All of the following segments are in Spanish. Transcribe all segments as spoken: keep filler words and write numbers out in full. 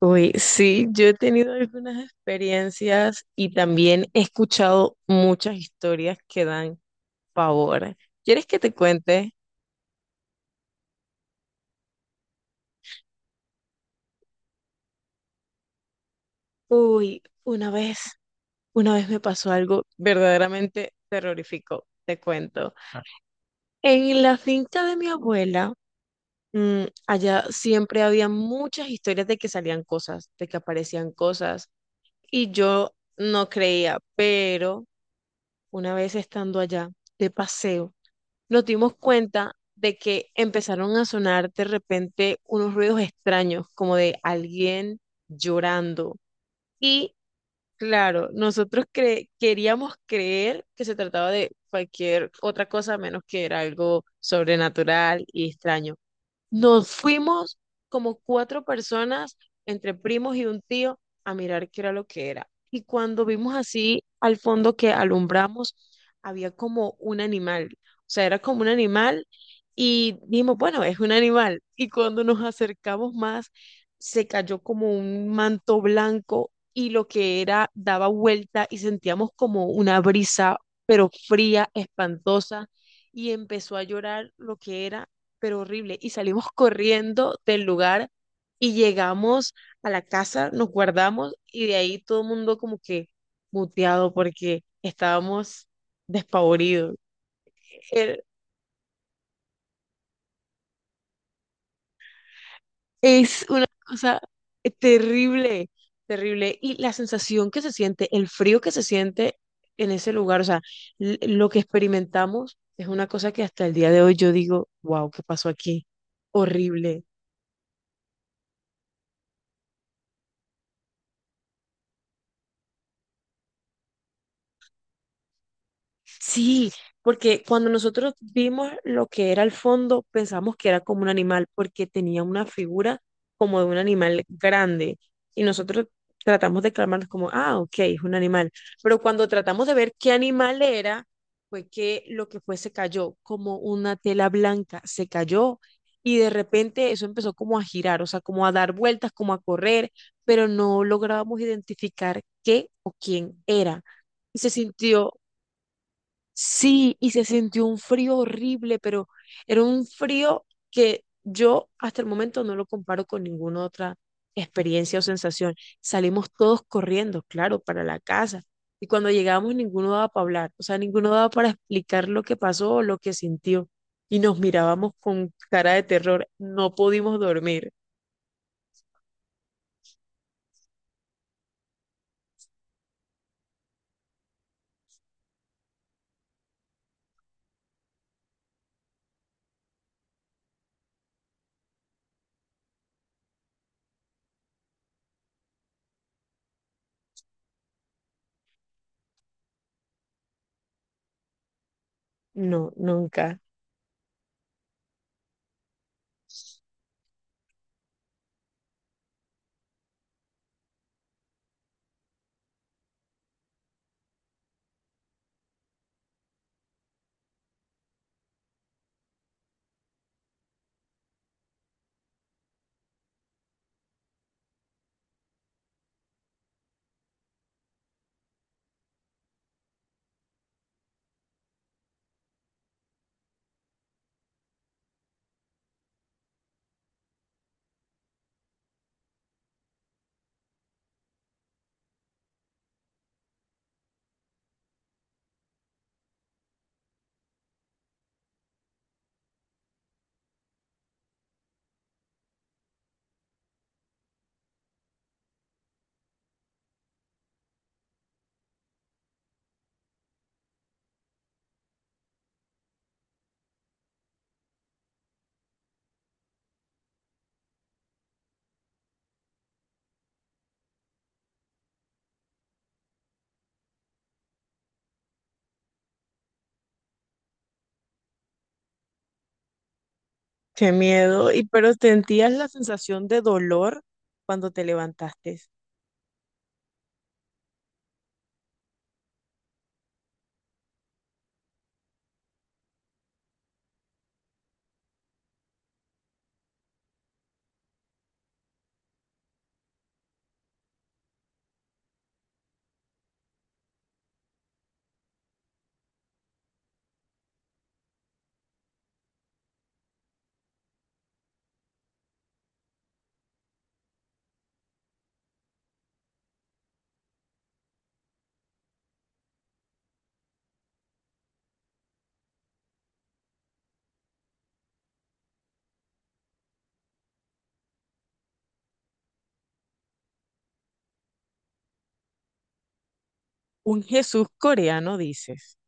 Uy, sí, yo he tenido algunas experiencias y también he escuchado muchas historias que dan pavor. ¿Quieres que te cuente? Uy, una vez, una vez me pasó algo verdaderamente terrorífico, te cuento. En la finca de mi abuela, mm, allá siempre había muchas historias de que salían cosas, de que aparecían cosas, y yo no creía, pero una vez estando allá de paseo, nos dimos cuenta de que empezaron a sonar de repente unos ruidos extraños, como de alguien llorando. Y claro, nosotros cre- queríamos creer que se trataba de cualquier otra cosa menos que era algo sobrenatural y extraño. Nos fuimos como cuatro personas, entre primos y un tío, a mirar qué era lo que era. Y cuando vimos así al fondo que alumbramos, había como un animal. O sea, era como un animal y dijimos, bueno, es un animal. Y cuando nos acercamos más, se cayó como un manto blanco y lo que era daba vuelta y sentíamos como una brisa, pero fría, espantosa. Y empezó a llorar lo que era pero horrible. Y salimos corriendo del lugar y llegamos a la casa, nos guardamos y de ahí todo el mundo como que muteado porque estábamos despavoridos. Er- Es una cosa terrible, terrible. Y la sensación que se siente, el frío que se siente en ese lugar, o sea, l- lo que experimentamos es una cosa que hasta el día de hoy yo digo, wow, ¿qué pasó aquí? Horrible. Sí, porque cuando nosotros vimos lo que era el fondo, pensamos que era como un animal, porque tenía una figura como de un animal grande. Y nosotros tratamos de clamarnos como, ah, ok, es un animal. Pero cuando tratamos de ver qué animal era, fue que lo que fue se cayó, como una tela blanca, se cayó. Y de repente eso empezó como a girar, o sea, como a dar vueltas, como a correr, pero no lográbamos identificar qué o quién era y se sintió sí, y se sintió un frío horrible, pero era un frío que yo hasta el momento no lo comparo con ninguna otra experiencia o sensación. Salimos todos corriendo, claro, para la casa. Y cuando llegamos ninguno daba para hablar, o sea, ninguno daba para explicar lo que pasó o lo que sintió. Y nos mirábamos con cara de terror. No pudimos dormir. No, nunca. Qué miedo. Y pero sentías la sensación de dolor cuando te levantaste. Un Jesús coreano, dices.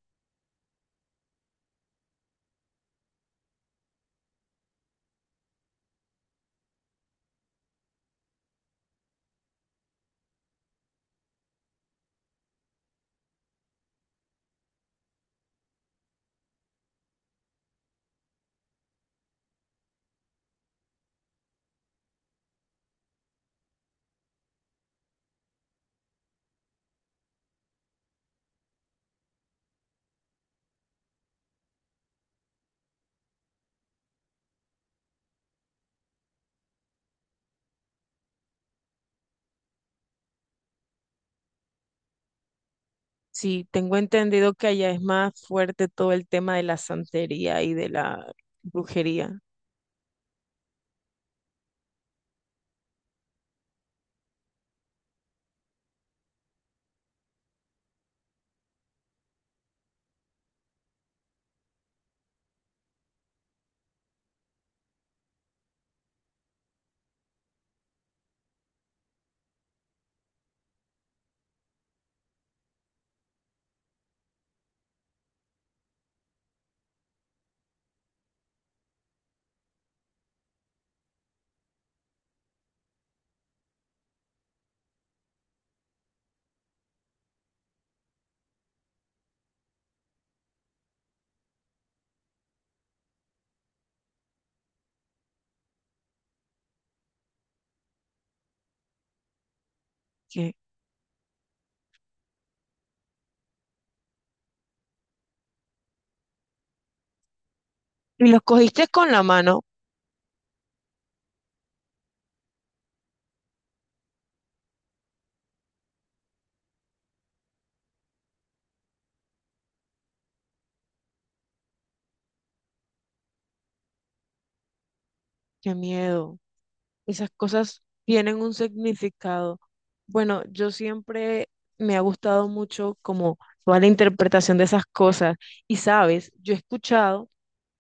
Sí, tengo entendido que allá es más fuerte todo el tema de la santería y de la brujería. ¿Qué? Y los cogiste con la mano. Qué miedo. Esas cosas tienen un significado. Bueno, yo siempre me ha gustado mucho como toda la interpretación de esas cosas. Y sabes, yo he escuchado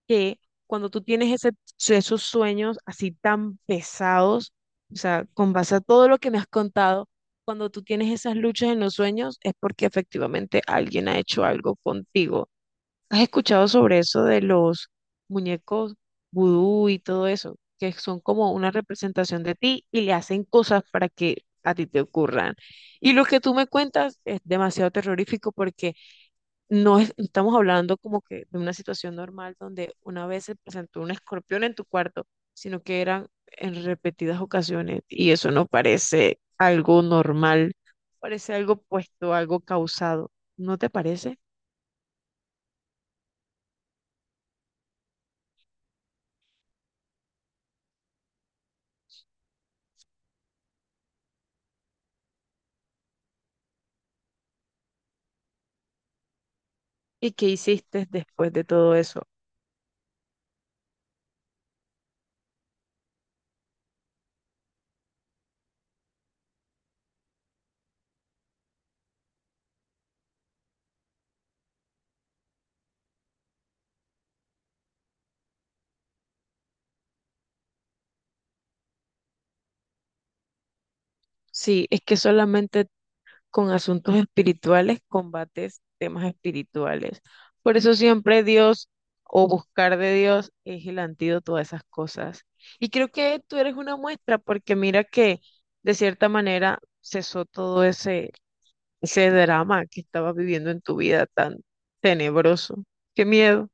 que cuando tú tienes ese, esos sueños así tan pesados, o sea, con base a todo lo que me has contado, cuando tú tienes esas luchas en los sueños es porque efectivamente alguien ha hecho algo contigo. ¿Has escuchado sobre eso de los muñecos vudú y todo eso? Que son como una representación de ti y le hacen cosas para que a ti te ocurran. Y lo que tú me cuentas es demasiado terrorífico porque no es- no estamos hablando como que de una situación normal donde una vez se presentó un escorpión en tu cuarto, sino que eran en repetidas ocasiones y eso no parece algo normal, parece algo puesto, algo causado, ¿no te parece? ¿Y qué hiciste después de todo eso? Sí, es que solamente con asuntos espirituales, combates temas espirituales. Por eso siempre Dios o buscar de Dios es el antídoto a esas cosas. Y creo que tú eres una muestra porque mira que de cierta manera cesó todo ese, ese drama que estabas viviendo en tu vida tan tenebroso. Qué miedo,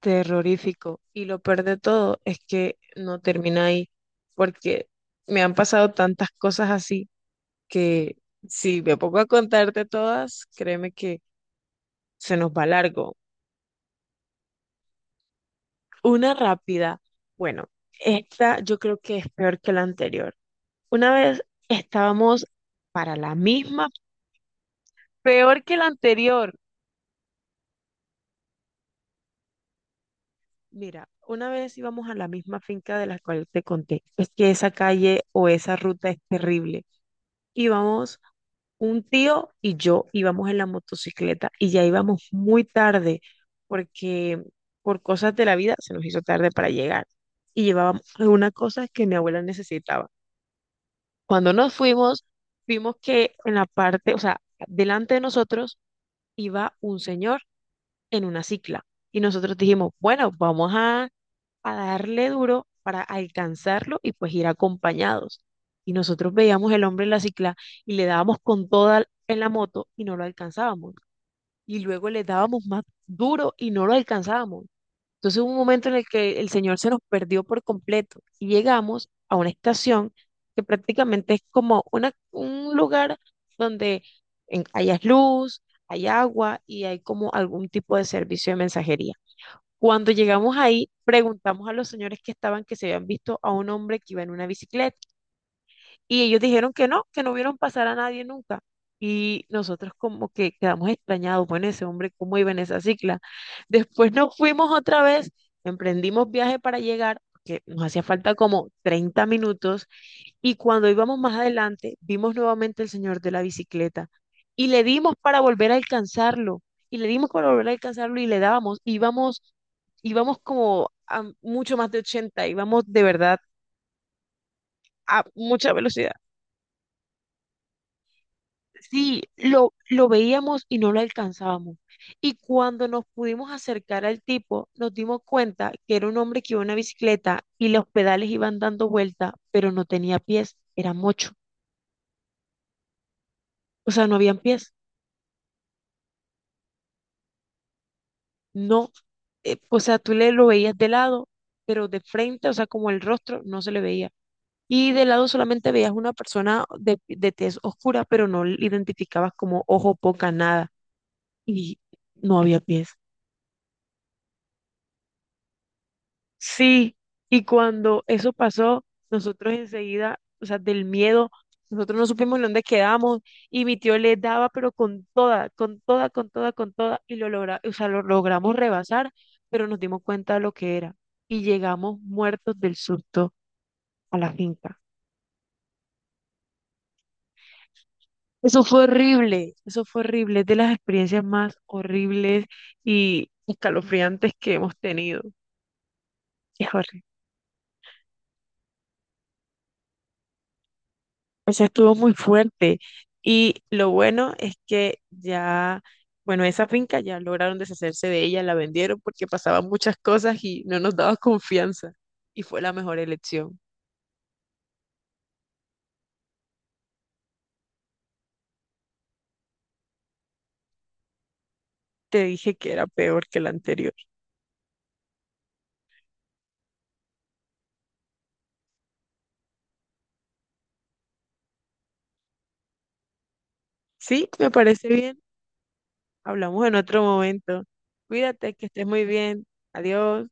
terrorífico. Y lo peor de todo es que no termina ahí porque me han pasado tantas cosas así que si me pongo a contarte todas, créeme que se nos va largo. Una rápida, bueno, esta yo creo que es peor que la anterior. Una vez estábamos para la misma, peor que la anterior. Mira, una vez íbamos a la misma finca de la cual te conté. Es que esa calle o esa ruta es terrible. Íbamos un tío y yo íbamos en la motocicleta y ya íbamos muy tarde porque por cosas de la vida se nos hizo tarde para llegar y llevábamos algunas cosas que mi abuela necesitaba. Cuando nos fuimos, vimos que en la parte, o sea, delante de nosotros iba un señor en una cicla y nosotros dijimos, bueno, vamos a a darle duro para alcanzarlo y pues ir acompañados. Y nosotros veíamos el hombre en la cicla y le dábamos con toda en la moto y no lo alcanzábamos. Y luego le dábamos más duro y no lo alcanzábamos. Entonces hubo un momento en el que el señor se nos perdió por completo y llegamos a una estación que prácticamente es como una, un lugar donde en- hayas luz, hay agua y hay como algún tipo de servicio de mensajería. Cuando llegamos ahí, preguntamos a los señores que estaban que se habían visto a un hombre que iba en una bicicleta y ellos dijeron que no, que no vieron pasar a nadie nunca. Y nosotros como que quedamos extrañados, bueno, ese hombre, ¿cómo iba en esa cicla? Después nos fuimos otra vez, emprendimos viaje para llegar, que nos hacía falta como treinta minutos y cuando íbamos más adelante, vimos nuevamente al señor de la bicicleta y le dimos para volver a alcanzarlo, y le dimos para volver a alcanzarlo y le dábamos, íbamos, íbamos como a mucho más de ochenta, íbamos de verdad a mucha velocidad. Sí, lo, lo veíamos y no lo alcanzábamos. Y cuando nos pudimos acercar al tipo, nos dimos cuenta que era un hombre que iba en una bicicleta y los pedales iban dando vuelta, pero no tenía pies, era mocho, o sea, no habían pies. No, eh, o sea, tú le lo veías de lado, pero de frente, o sea, como el rostro, no se le veía. Y de lado solamente veías una persona de, de tez oscura, pero no le identificabas como ojo, poca, nada. Y no había pies. Sí, y cuando eso pasó, nosotros enseguida, o sea, del miedo, nosotros no supimos en dónde quedamos y mi tío le daba, pero con toda, con toda, con toda, con toda, y lo logra, o sea, lo logramos rebasar, pero nos dimos cuenta de lo que era y llegamos muertos del susto a la finca. Eso fue horrible, eso fue horrible, es de las experiencias más horribles y escalofriantes que hemos tenido. Es horrible. O sea, estuvo muy fuerte. Y lo bueno es que ya, bueno, esa finca ya lograron deshacerse de ella, la vendieron porque pasaban muchas cosas y no nos daba confianza. Y fue la mejor elección. Te dije que era peor que la anterior. Sí, me parece bien. Hablamos en otro momento. Cuídate, que estés muy bien. Adiós.